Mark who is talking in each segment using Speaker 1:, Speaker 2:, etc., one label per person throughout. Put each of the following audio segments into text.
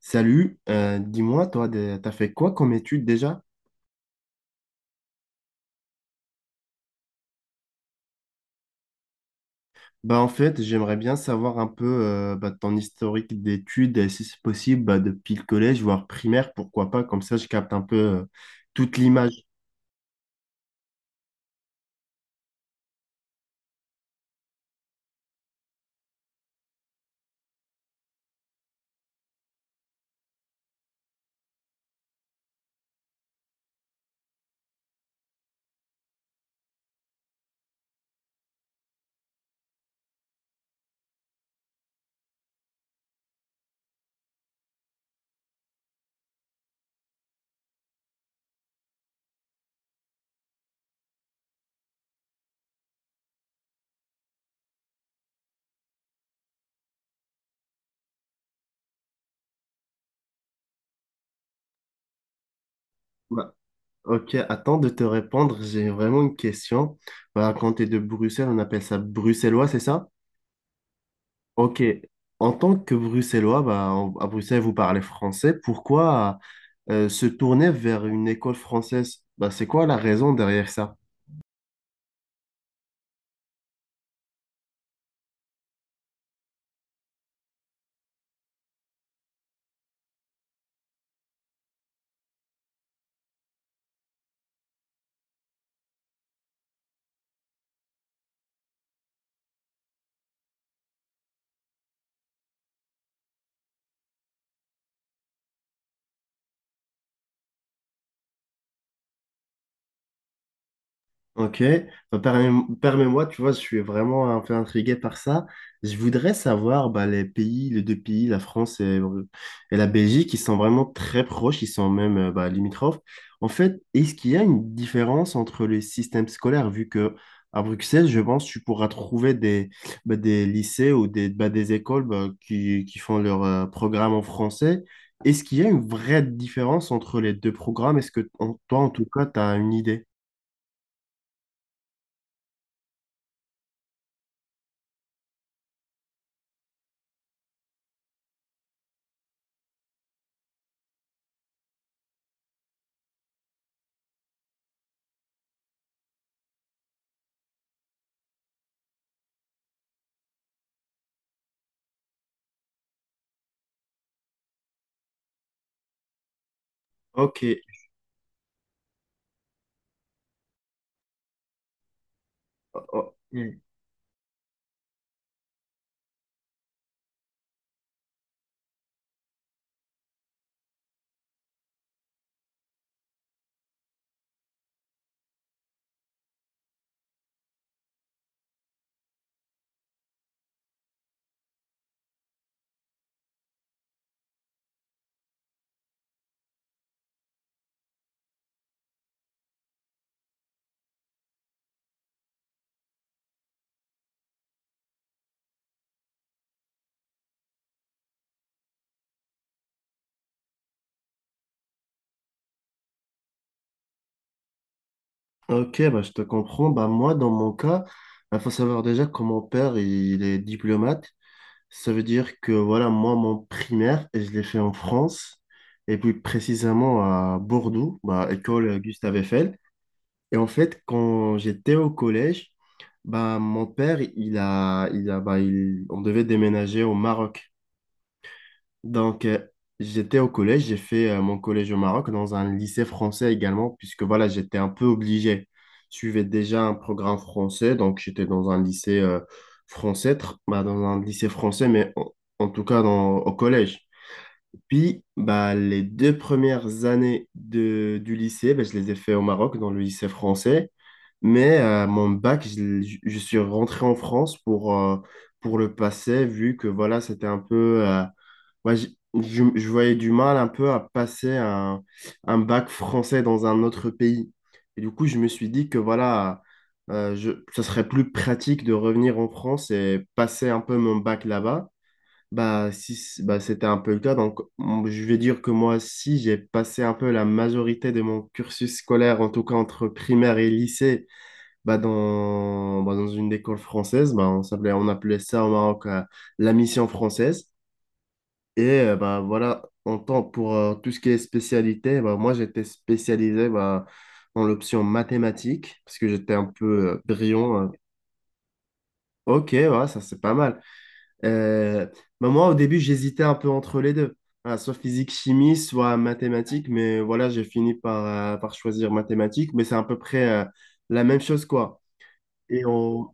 Speaker 1: Salut, dis-moi, toi, t'as fait quoi comme étude déjà? En fait, j'aimerais bien savoir un peu ton historique d'études, et si c'est possible, depuis le collège, voire primaire, pourquoi pas, comme ça je capte un peu toute l'image. Bah, ok, attends de te répondre, j'ai vraiment une question. Quand tu es de Bruxelles, on appelle ça bruxellois, c'est ça? Ok, en tant que bruxellois, à Bruxelles, vous parlez français, pourquoi se tourner vers une école française? C'est quoi la raison derrière ça? Ok, permets-moi, tu vois, je suis vraiment un peu intrigué par ça. Je voudrais savoir bah, les pays, les deux pays, la France et la Belgique, ils sont vraiment très proches, ils sont même limitrophes. En fait, est-ce qu'il y a une différence entre les systèmes scolaires, vu que à Bruxelles, je pense, tu pourras trouver des, bah, des lycées ou des, bah, des écoles bah, qui font leur programme en français. Est-ce qu'il y a une vraie différence entre les deux programmes? Est-ce que toi, en tout cas, tu as une idée? Ok. Oh, mm. Ok, bah, je te comprends. Bah, moi, dans mon cas, il faut savoir déjà que mon père, il est diplomate. Ça veut dire que voilà, moi, mon primaire, et je l'ai fait en France, et plus précisément à Bordeaux, bah, école Gustave Eiffel. Et en fait, quand j'étais au collège, bah, mon père, bah, on devait déménager au Maroc. Donc, j'étais au collège, j'ai fait mon collège au Maroc dans un lycée français également, puisque voilà, j'étais un peu obligé. Je suivais déjà un programme français, donc j'étais dans un lycée français, bah, dans un lycée français, mais en, en tout cas dans, au collège. Puis, bah, les 2 premières années de, du lycée, bah, je les ai fait au Maroc, dans le lycée français. Mais mon bac, je suis rentré en France pour le passer, vu que voilà, c'était un peu... moi, je, je voyais du mal un peu à passer un bac français dans un autre pays. Et du coup, je me suis dit que voilà, ça serait plus pratique de revenir en France et passer un peu mon bac là-bas. Bah, si, bah, c'était un peu le cas. Donc, je vais dire que moi aussi, j'ai passé un peu la majorité de mon cursus scolaire, en tout cas entre primaire et lycée, bah, dans une école française. Bah, on appelait ça au Maroc la mission française. Et bah, voilà, en tant pour tout ce qui est spécialité, bah, moi j'étais spécialisé bah, dans l'option mathématiques, parce que j'étais un peu brillant. Ok, ouais, ça c'est pas mal. Euh, bah moi, au début, j'hésitais un peu entre les deux, voilà, soit physique, chimie, soit mathématiques, mais voilà, j'ai fini par, par choisir mathématiques, mais c'est à peu près la même chose, quoi. Et on...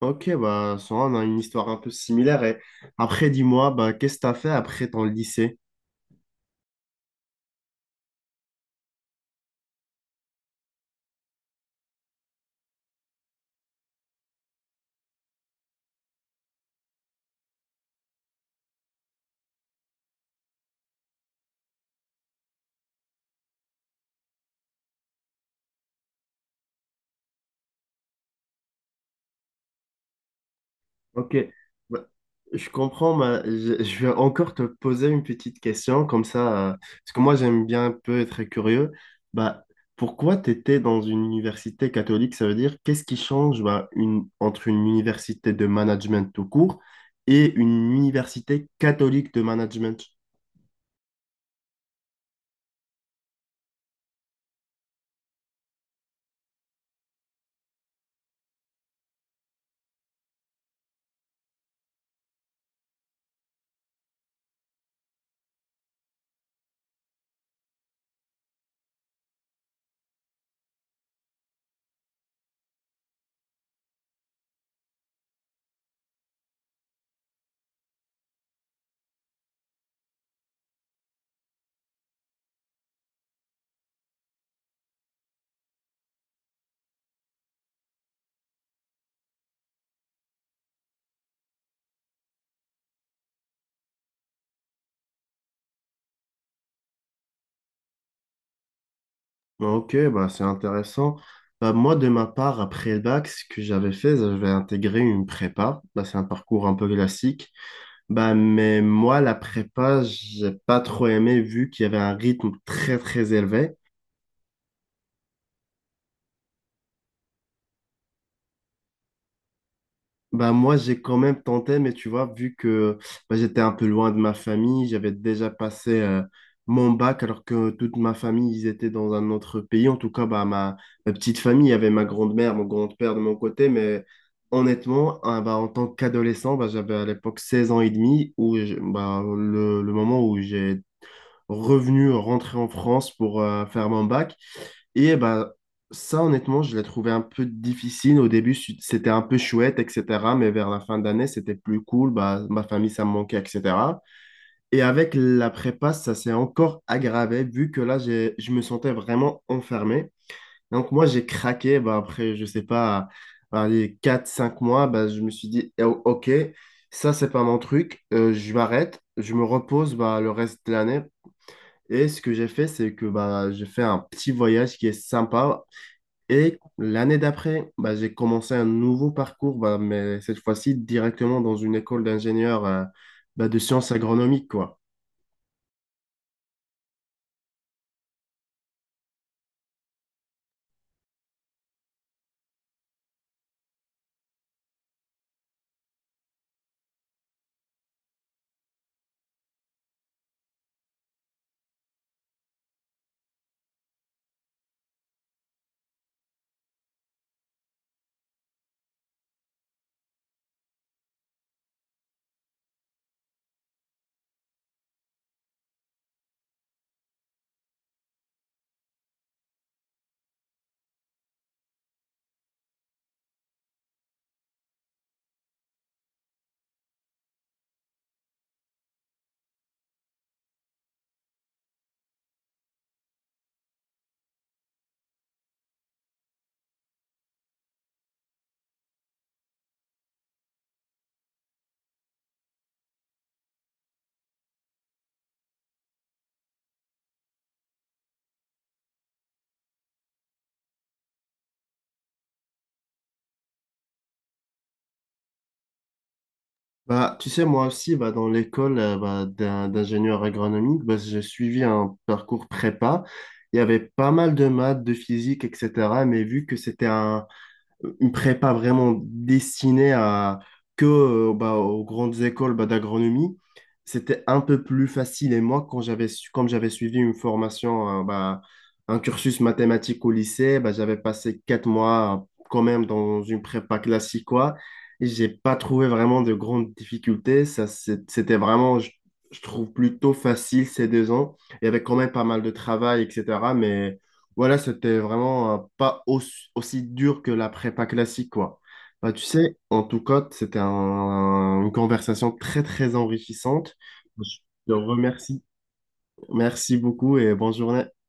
Speaker 1: Ok, bah, ça, on a une histoire un peu similaire. Et après, dis-moi, bah, qu'est-ce que tu as fait après ton lycée? Ok, bah, je comprends, mais je vais encore te poser une petite question, comme ça, parce que moi j'aime bien un peu être curieux. Bah, pourquoi tu étais dans une université catholique? Ça veut dire qu'est-ce qui change bah, une, entre une université de management tout court et une université catholique de management? Bah, ok, bah, c'est intéressant. Bah, moi, de ma part, après le bac, ce que j'avais fait, j'avais intégré une prépa. Bah, c'est un parcours un peu classique. Bah, mais moi, la prépa, j'ai pas trop aimé vu qu'il y avait un rythme très très élevé. Bah, moi, j'ai quand même tenté, mais tu vois, vu que bah, j'étais un peu loin de ma famille, j'avais déjà passé mon bac alors que toute ma famille, ils étaient dans un autre pays. En tout cas, bah, ma petite famille, il y avait ma grand-mère, mon grand-père de mon côté, mais honnêtement, hein, bah, en tant qu'adolescent, bah, j'avais à l'époque 16 ans et demi, où bah, le moment où rentré en France pour faire mon bac. Et bah, ça, honnêtement, je l'ai trouvé un peu difficile. Au début, c'était un peu chouette, etc. Mais vers la fin d'année, c'était plus cool. Bah, ma famille, ça me manquait, etc. Et avec la prépa, ça s'est encore aggravé, vu que là, je me sentais vraiment enfermé. Donc, moi, j'ai craqué. Bah, après, je sais pas, bah, les 4 5 mois, bah, je me suis dit, eh, ok, ça, c'est pas mon truc. Je m'arrête. Je me repose bah, le reste de l'année. Et ce que j'ai fait, c'est que bah, j'ai fait un petit voyage qui est sympa et l'année d'après, bah, j'ai commencé un nouveau parcours, bah, mais cette fois-ci directement dans une école d'ingénieurs bah, de sciences agronomiques, quoi. Bah, tu sais, moi aussi, bah, dans l'école bah, d'ingénieur agronomique, bah, j'ai suivi un parcours prépa. Il y avait pas mal de maths, de physique, etc. Mais vu que c'était un, une prépa vraiment destinée à, que bah, aux grandes écoles bah, d'agronomie, c'était un peu plus facile. Et moi, quand comme j'avais suivi une formation, bah, un cursus mathématique au lycée, bah, j'avais passé 4 mois quand même dans une prépa classique, quoi. Et j'ai pas trouvé vraiment de grandes difficultés. Ça, c'était vraiment, je trouve, plutôt facile ces 2 ans. Il y avait quand même pas mal de travail, etc. Mais voilà, c'était vraiment pas aussi, aussi dur que la prépa classique, quoi. Bah, tu sais, en tout cas, c'était une conversation très, très enrichissante. Je te remercie. Merci beaucoup et bonne journée.